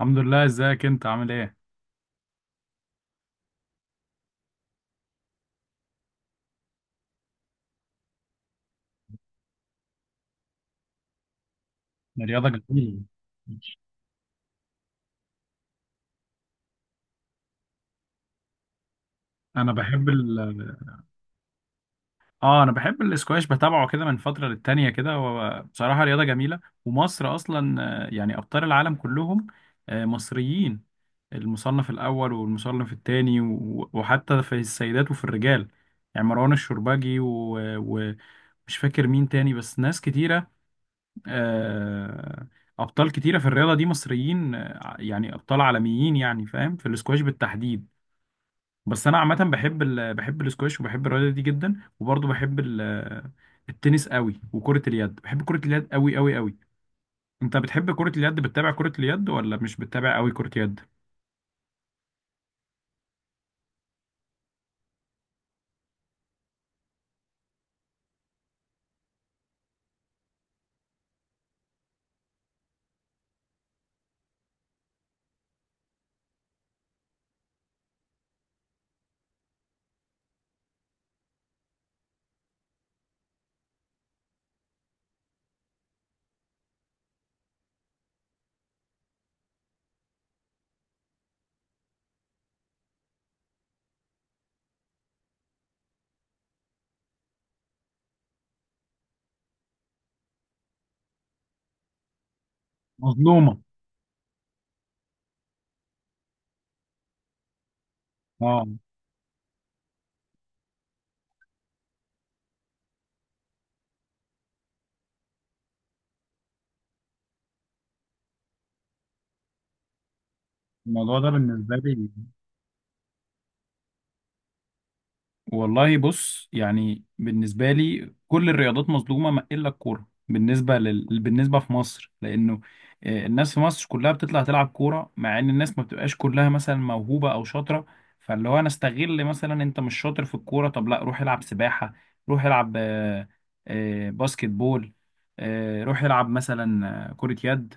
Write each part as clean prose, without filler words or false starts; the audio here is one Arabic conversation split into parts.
الحمد لله، ازيك؟ انت عامل ايه؟ الرياضه جميله. انا بحب ال اه، انا بحب الاسكواش، بتابعه كده من فتره للتانيه كده، وبصراحه رياضه جميله، ومصر اصلا يعني ابطال العالم كلهم مصريين، المصنف الاول والمصنف التاني وحتى في السيدات وفي الرجال. يعني مروان الشربجي ومش فاكر مين تاني، بس ناس كتيره. آه، ابطال كتيره في الرياضه دي مصريين، يعني ابطال عالميين، يعني فاهم، في الاسكواش بالتحديد. بس انا عامه بحب الاسكواش، وبحب الرياضه دي جدا، وبرضه التنس قوي، وكره اليد، بحب كره اليد قوي قوي قوي. انت بتحب كره اليد؟ بتتابع كره اليد ولا مش بتتابع قوي كره يد؟ مظلومة. اه، الموضوع ده بالنسبة لي... والله بص، يعني بالنسبة لي كل الرياضات مظلومة ما إلا الكورة، بالنسبة في مصر، لأنه الناس في مصر كلها بتطلع تلعب كورة، مع إن الناس ما بتبقاش كلها مثلا موهوبة أو شاطرة. فاللي هو أنا استغل، مثلا أنت مش شاطر في الكورة، طب لا، روح العب سباحة، روح العب باسكت بول، روح العب مثلا كرة يد،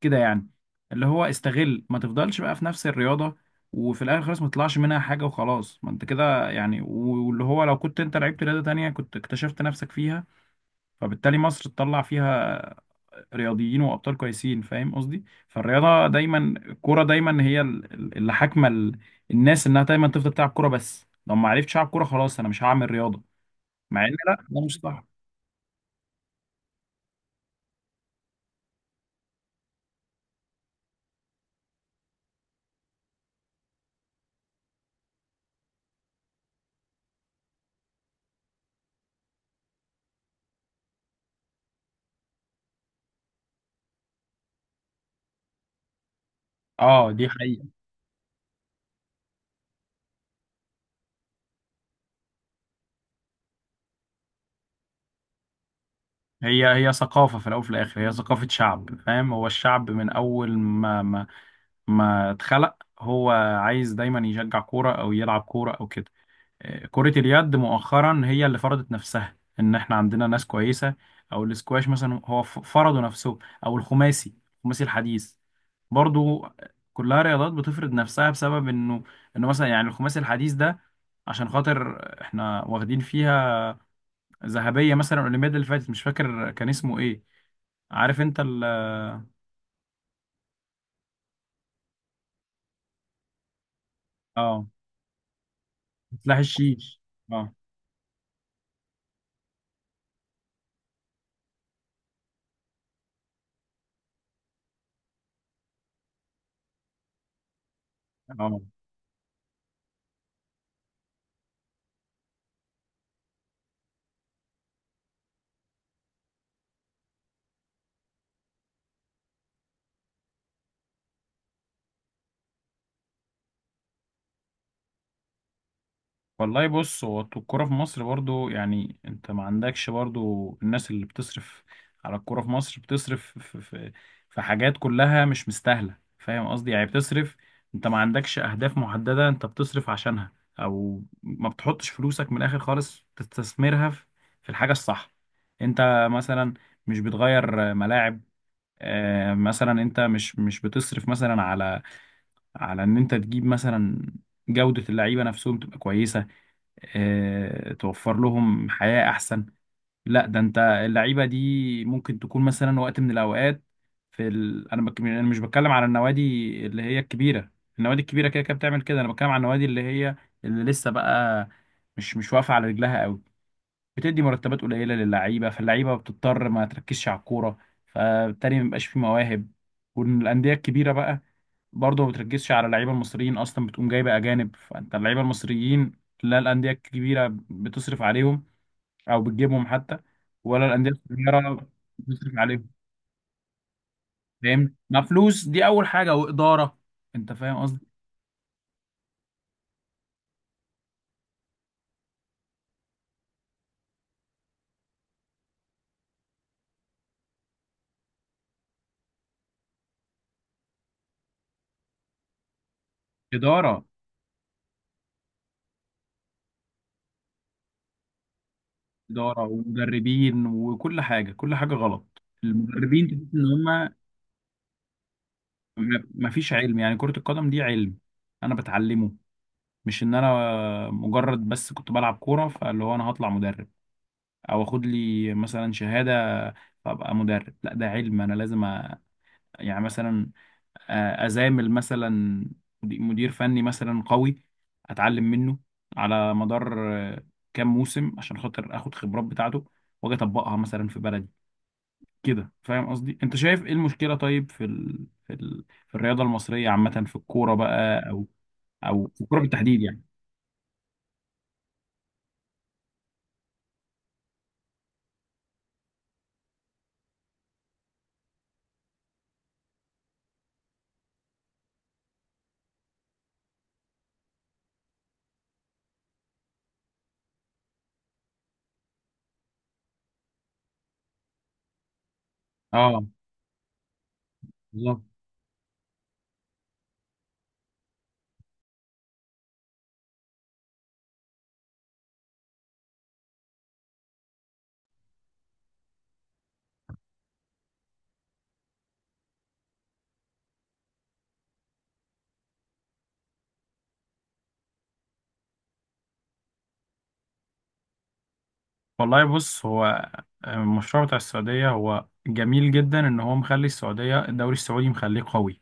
كده يعني. اللي هو استغل، ما تفضلش بقى في نفس الرياضة، وفي الاخر خالص ما تطلعش منها حاجه، وخلاص ما انت كده يعني. واللي هو لو كنت انت لعبت رياضة تانية كنت اكتشفت نفسك فيها، فبالتالي مصر تطلع فيها رياضيين وابطال كويسين، فاهم قصدي؟ فالرياضة دايما، الكورة دايما هي اللي حاكمة الناس، انها دايما تفضل تلعب كورة، بس لو ما عرفتش العب كورة خلاص انا مش هعمل رياضة، مع ان لا، ده مش صح. اه، دي حقيقة. هي هي ثقافة في الأول وفي الآخر، هي ثقافة شعب، فاهم؟ هو الشعب من أول ما اتخلق، هو عايز دايما يشجع كورة أو يلعب كورة أو كده. كرة اليد مؤخرا هي اللي فرضت نفسها، ان احنا عندنا ناس كويسة، او الاسكواش مثلا هو فرضوا نفسهم، او الخماسي الحديث برضو، كلها رياضات بتفرض نفسها، بسبب انه مثلا، يعني الخماسي الحديث ده عشان خاطر احنا واخدين فيها ذهبية، مثلا الاولمبياد اللي فاتت، مش فاكر كان اسمه ايه، عارف انت اه، سلاح الشيش، اه اه. والله بص هو الكورة في مصر برضو يعني انت ما عندكش برضو الناس اللي بتصرف على الكورة في مصر بتصرف في, في, في حاجات كلها مش مستاهلة فاهم قصدي يعني بتصرف انت ما عندكش اهداف محددة انت بتصرف عشانها او ما بتحطش فلوسك من الاخر خالص تستثمرها في في الحاجة الصح انت مثلا مش بتغير ملاعب آه، مثلا انت مش مش بتصرف مثلا على على ان انت تجيب مثلا جودة اللعيبة نفسهم تبقى كويسة آه، توفر لهم حياة أحسن لا ده أنت اللعيبة دي ممكن تكون مثلا وقت من الأوقات في ال... أنا بك... أنا مش بتكلم على النوادي اللي هي الكبيرة النوادي الكبيرة كده كده بتعمل كده أنا بتكلم على النوادي اللي هي اللي لسه بقى مش مش واقفة على رجلها أوي بتدي مرتبات قليله للعيبه فاللعيبه بتضطر ما تركزش على الكوره فبالتالي ما بيبقاش فيه مواهب والانديه الكبيره بقى برضه ما بتركزش على اللعيبه المصريين اصلا بتقوم جايبه اجانب فانت اللعيبه المصريين لا الانديه الكبيره بتصرف عليهم او بتجيبهم حتى ولا الانديه الصغيره بتصرف عليهم فاهم ما فلوس دي اول حاجه واداره انت فاهم قصدي اداره اداره ومدربين وكل حاجه كل حاجه غلط المدربين تحس ان هم ما فيش علم يعني كرة القدم دي علم انا بتعلمه مش ان انا مجرد بس كنت بلعب كورة فاللي هو انا هطلع مدرب او اخد لي مثلا شهادة فابقى مدرب لا ده علم انا لازم أ... يعني مثلا آه، ازامل مثلا مدي- مدير فني مثلا قوي اتعلم منه على مدار آه، كام موسم عشان خاطر اخد خبرات بتاعته واجي اطبقها مثلا في بلدي كده فاهم قصدي انت شايف ايه المشكله طيب في ال... في ال... في الرياضه المصريه عامه في الكوره بقى او او في الكوره بالتحديد يعني اه بالظبط والله بص، هو المشروع بتاع السعودية هو جميل جدا، إن هو مخلي السعودية، الدوري السعودي مخليه قوي،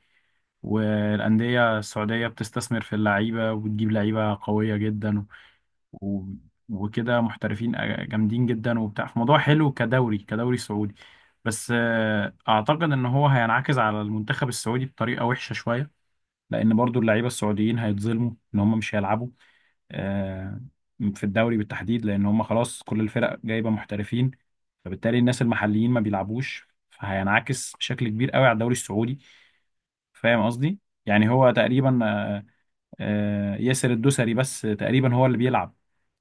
والأندية السعودية بتستثمر في اللعيبة، وبتجيب لعيبة قوية جدا، و- وكده محترفين جامدين جدا وبتاع، فموضوع حلو، كدوري، كدوري سعودي. بس اعتقد ان هو هينعكس على المنتخب السعودي بطريقه وحشه شويه، لان برضو اللعيبه السعوديين هيتظلموا ان هم مش هيلعبوا آه، في الدوري بالتحديد، لان هم خلاص كل الفرق جايبه محترفين، فبالتالي الناس المحليين ما بيلعبوش، فهينعكس بشكل كبير قوي على الدوري السعودي، فاهم قصدي؟ يعني هو تقريبا، ياسر الدوسري بس تقريبا هو اللي بيلعب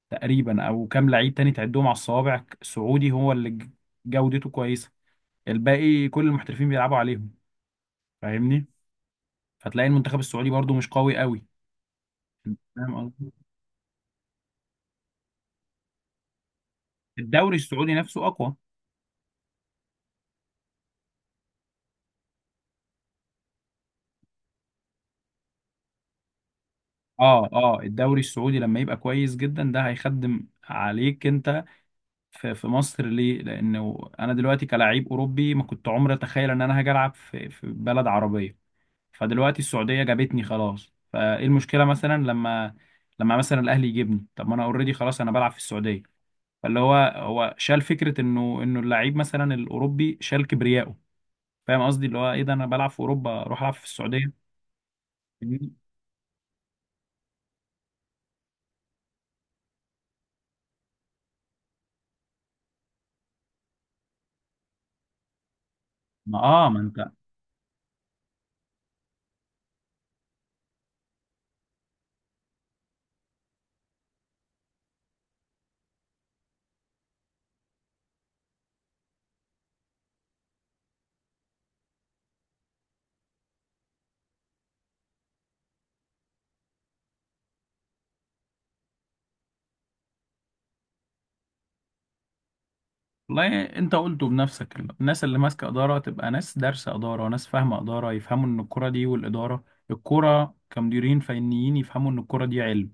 تقريبا، او كام لعيب تاني تعدهم على الصوابع سعودي هو اللي جودته كويسه، الباقي كل المحترفين بيلعبوا عليهم، فاهمني؟ فتلاقي المنتخب السعودي برضو مش قوي قوي، فاهم قصدي؟ الدوري السعودي نفسه اقوى. اه اه، الدوري السعودي لما يبقى كويس جدا ده هيخدم عليك انت في، مصر. ليه؟ لانه انا دلوقتي كلاعب اوروبي، ما كنت عمري اتخيل ان انا هاجي العب في، بلد عربيه، فدلوقتي السعودية جابتني خلاص، فايه المشكلة مثلا لما مثلا الاهلي يجيبني؟ طب ما انا اوريدي، خلاص انا بلعب في السعودية. فاللي هو، هو شال فكرة انه اللعيب مثلا الاوروبي شال كبريائه، فاهم قصدي؟ اللي هو ايه ده، انا بلعب في اوروبا اروح العب في السعودية؟ فاهمني؟ ما اه ما انت... والله انت قلته بنفسك، الناس اللي ماسكة إدارة تبقى ناس دارسة إدارة، ناس فاهمة إدارة، يفهموا ان الكرة دي والإدارة، الكرة كمديرين فنيين يفهموا ان الكرة دي علم،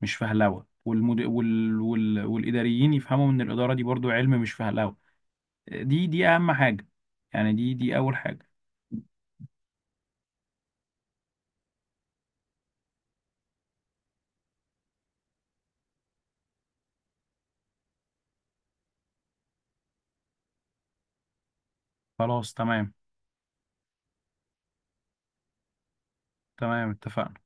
مش فهلوه، والاداريين يفهموا ان الاداره دي برضو علم، مش فهلوه. دي دي اهم حاجه، يعني دي دي اول حاجه. خلاص تمام. تمام اتفقنا.